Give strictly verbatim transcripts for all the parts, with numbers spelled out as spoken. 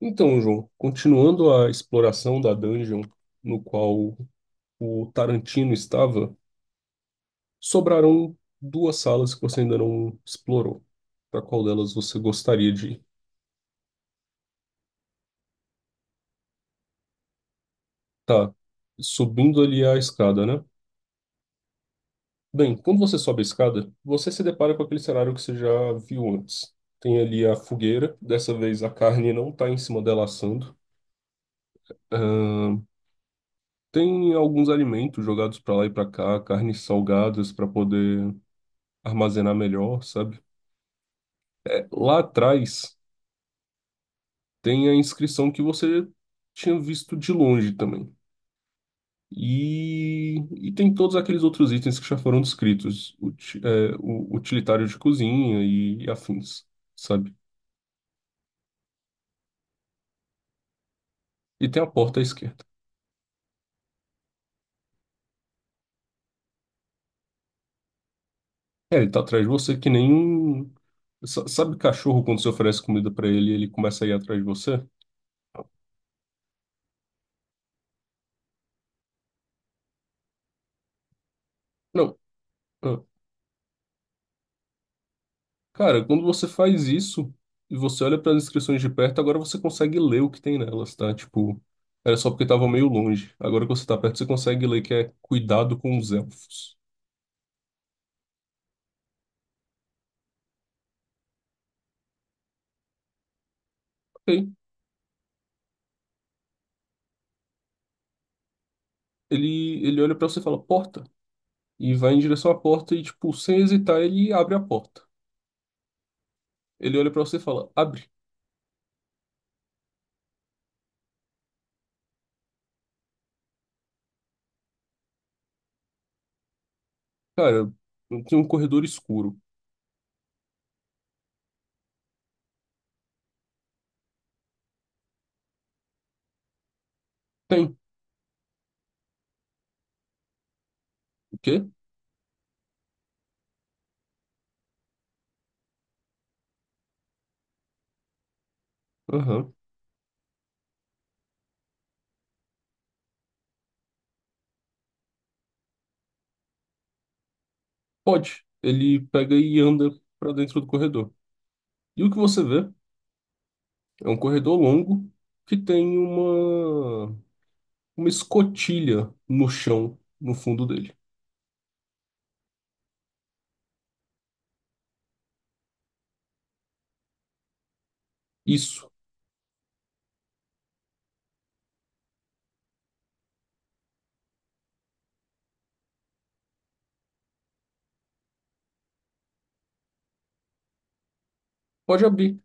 Então, João, continuando a exploração da dungeon no qual o Tarantino estava, sobraram duas salas que você ainda não explorou. Para qual delas você gostaria de ir? Tá, subindo ali a escada, né? Bem, quando você sobe a escada, você se depara com aquele cenário que você já viu antes. Tem ali a fogueira, dessa vez a carne não está em cima dela assando. Ahn, Tem alguns alimentos jogados para lá e para cá, carnes salgadas para poder armazenar melhor, sabe? É, lá atrás tem a inscrição que você tinha visto de longe também. E, e tem todos aqueles outros itens que já foram descritos, uti- é, o utilitário de cozinha e afins, sabe? E tem a porta à esquerda. É, ele tá atrás de você que nem um. Sa- Sabe cachorro quando você oferece comida pra ele e ele começa a ir atrás de você? Não. Cara, quando você faz isso e você olha para as inscrições de perto, agora você consegue ler o que tem nelas, tá? Tipo, era só porque tava meio longe. Agora que você tá perto, você consegue ler que é cuidado com os elfos. Ok. Ele, ele olha para você e fala porta. E vai em direção à porta e, tipo, sem hesitar, ele abre a porta. Ele olha para você e fala abre. Cara, tem um corredor escuro. Tem. O quê? Aham. Pode. Ele pega e anda para dentro do corredor. E o que você vê? É um corredor longo que tem uma, uma escotilha no chão, no fundo dele. Isso. Pode abrir.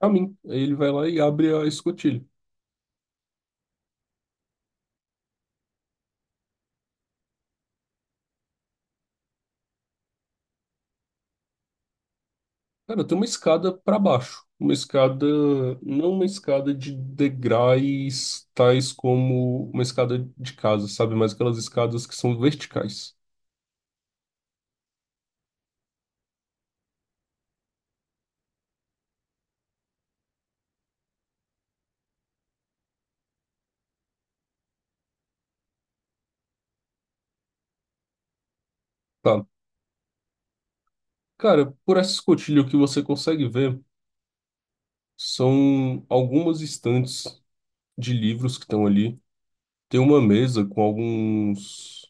A mim. Aí ele vai lá e abre a escotilha. Cara, tem uma escada para baixo. Uma escada, não uma escada de degraus, tais como uma escada de casa, sabe? Mas aquelas escadas que são verticais. Tá. Cara, por essa escotilha, o que você consegue ver são algumas estantes de livros que estão ali. Tem uma mesa com alguns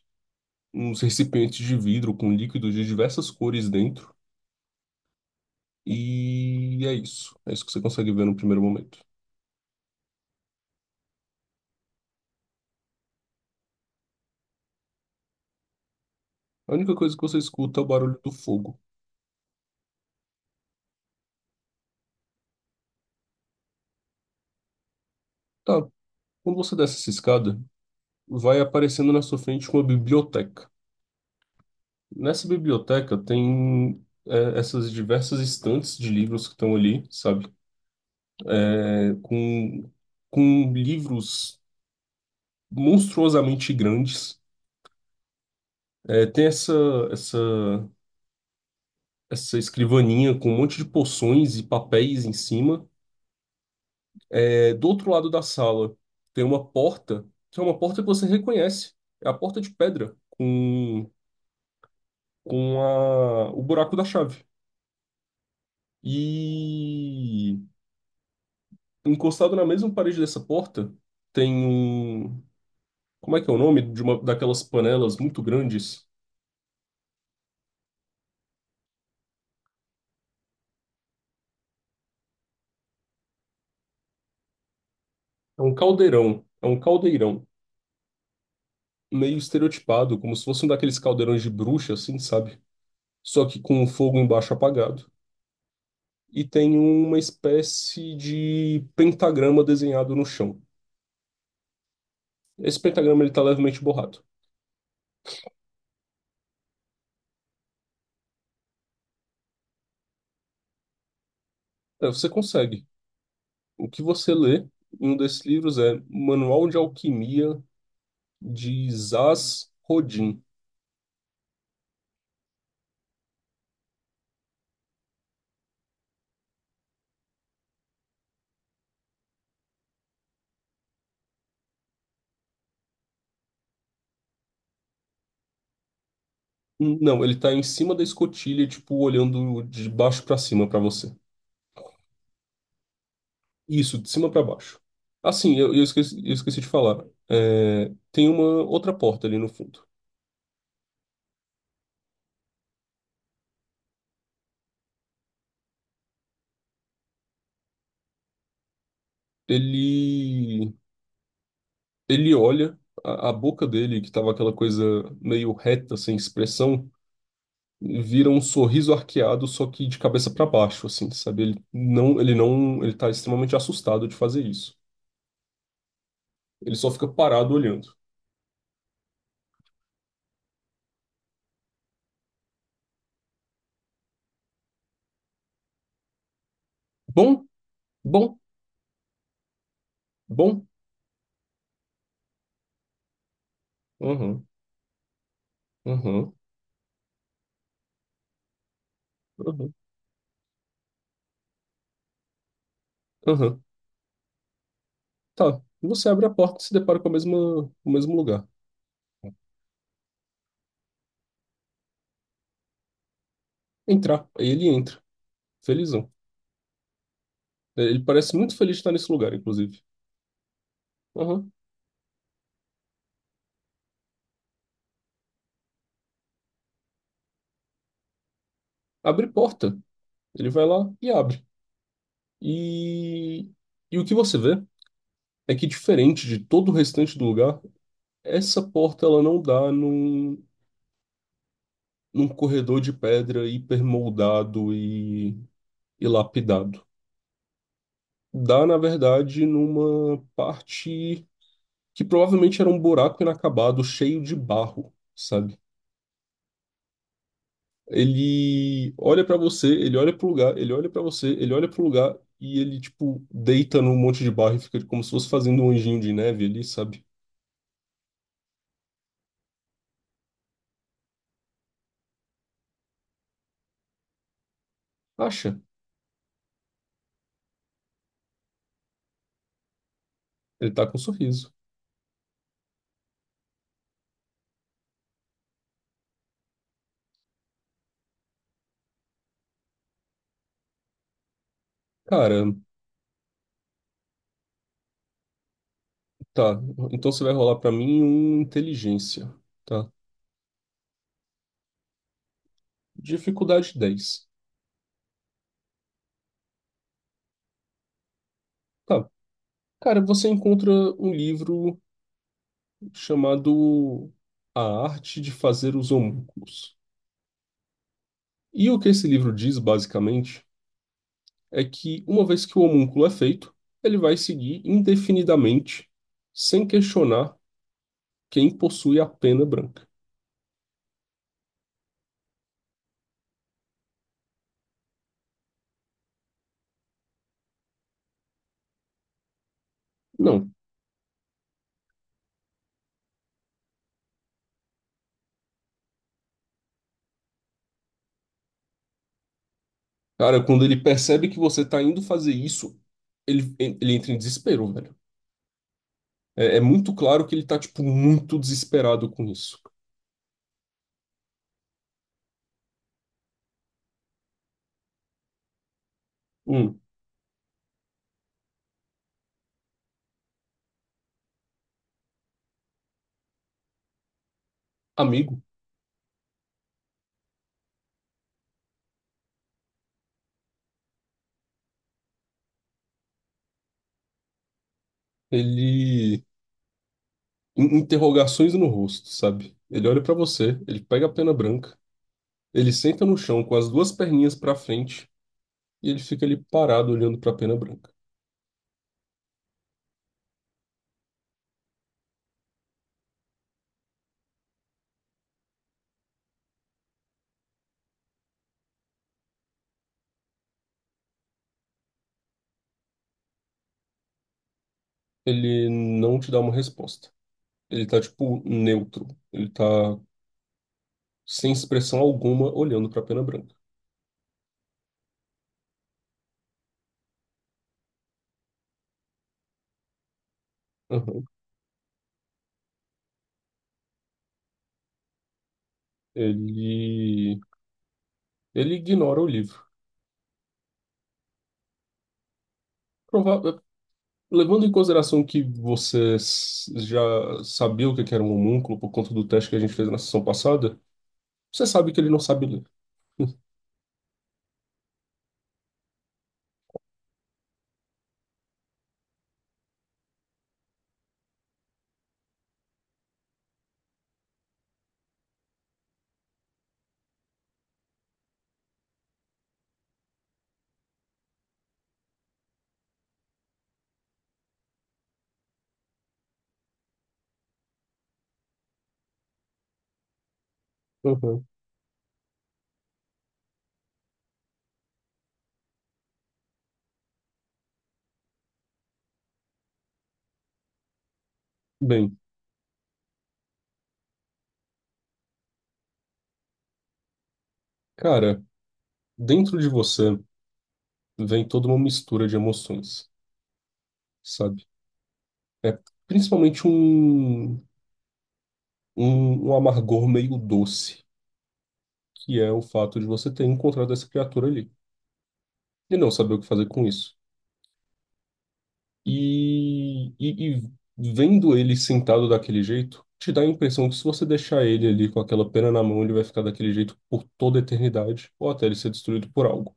uns recipientes de vidro com líquidos de diversas cores dentro. E é isso. É isso que você consegue ver no primeiro momento. A única coisa que você escuta é o barulho do fogo. Tá, quando você desce essa escada, vai aparecendo na sua frente uma biblioteca. Nessa biblioteca tem é, essas diversas estantes de livros que estão ali, sabe? É, com, com livros monstruosamente grandes. É, tem essa, essa essa escrivaninha com um monte de poções e papéis em cima. É, do outro lado da sala tem uma porta, que é uma porta que você reconhece. É a porta de pedra com, com a, o buraco da chave. E encostado na mesma parede dessa porta tem um. Como é que é o nome de uma daquelas panelas muito grandes? É um caldeirão. É um caldeirão meio estereotipado, como se fosse um daqueles caldeirões de bruxa, assim, sabe? Só que com o fogo embaixo apagado. E tem uma espécie de pentagrama desenhado no chão. Esse pentagrama ele está levemente borrado. É, você consegue. O que você lê em um desses livros é Manual de Alquimia de Zaz Rodin. Não, ele está em cima da escotilha, tipo, olhando de baixo para cima para você. Isso, de cima para baixo. Assim, eu, eu esqueci, eu esqueci de falar. É, tem uma outra porta ali no fundo. Ele Ele olha, a, a boca dele, que tava aquela coisa meio reta, sem expressão, vira um sorriso arqueado, só que de cabeça para baixo, assim, sabe? Ele não, ele não, ele tá extremamente assustado de fazer isso. Ele só fica parado olhando. Bom, bom, bom. Aham, aham, aham, aham. Tá. Você abre a porta e se depara com a mesma, o mesmo lugar. Entrar. Aí ele entra, felizão. É, ele parece muito feliz de estar nesse lugar, inclusive. Aham. Abre porta. Ele vai lá e abre. E, e o que você vê é que, diferente de todo o restante do lugar, essa porta ela não dá num, num corredor de pedra hipermoldado e, e lapidado. Dá, na verdade, numa parte que provavelmente era um buraco inacabado, cheio de barro, sabe? Ele olha pra você, ele olha pro lugar, ele olha pra você, ele olha pro lugar e ele, tipo, deita num monte de barro e fica como se fosse fazendo um anjinho de neve ali, sabe? Acha? Ele tá com um sorriso. Cara, tá. Então você vai rolar pra mim um inteligência, tá? Dificuldade dez. Tá. Cara, você encontra um livro chamado A Arte de Fazer os Homúnculos. E o que esse livro diz, basicamente, é que uma vez que o homúnculo é feito, ele vai seguir indefinidamente, sem questionar quem possui a pena branca. Não. Cara, quando ele percebe que você tá indo fazer isso, ele, ele entra em desespero, velho. É, é muito claro que ele tá, tipo, muito desesperado com isso. Um amigo, ele. in- Interrogações no rosto, sabe? Ele olha pra você, ele pega a pena branca, ele senta no chão com as duas perninhas pra frente e ele fica ali parado olhando pra pena branca. Ele não te dá uma resposta. Ele tá, tipo, neutro. Ele tá sem expressão alguma olhando pra pena branca. Aham. Ele. Ele ignora o livro. Prova- Levando em consideração que você s- já sabia o que que era um homúnculo por conta do teste que a gente fez na sessão passada, você sabe que ele não sabe ler. Uhum. Bem, cara, dentro de você vem toda uma mistura de emoções, sabe? É principalmente um, um, um amargor meio doce, que é o fato de você ter encontrado essa criatura ali e não saber o que fazer com isso. E, e, e vendo ele sentado daquele jeito, te dá a impressão que se você deixar ele ali com aquela pena na mão, ele vai ficar daquele jeito por toda a eternidade, ou até ele ser destruído por algo.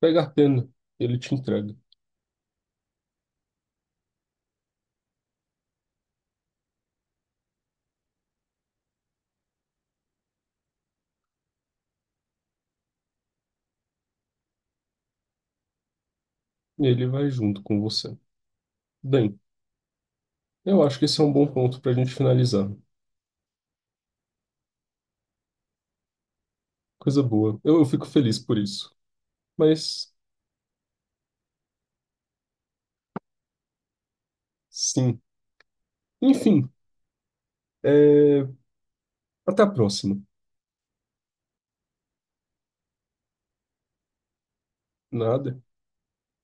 Pega a pena, ele te entrega, e ele vai junto com você. Bem, eu acho que esse é um bom ponto para a gente finalizar. Coisa boa. Eu, eu fico feliz por isso. Mas, sim. Enfim, é, até a próxima. Nada.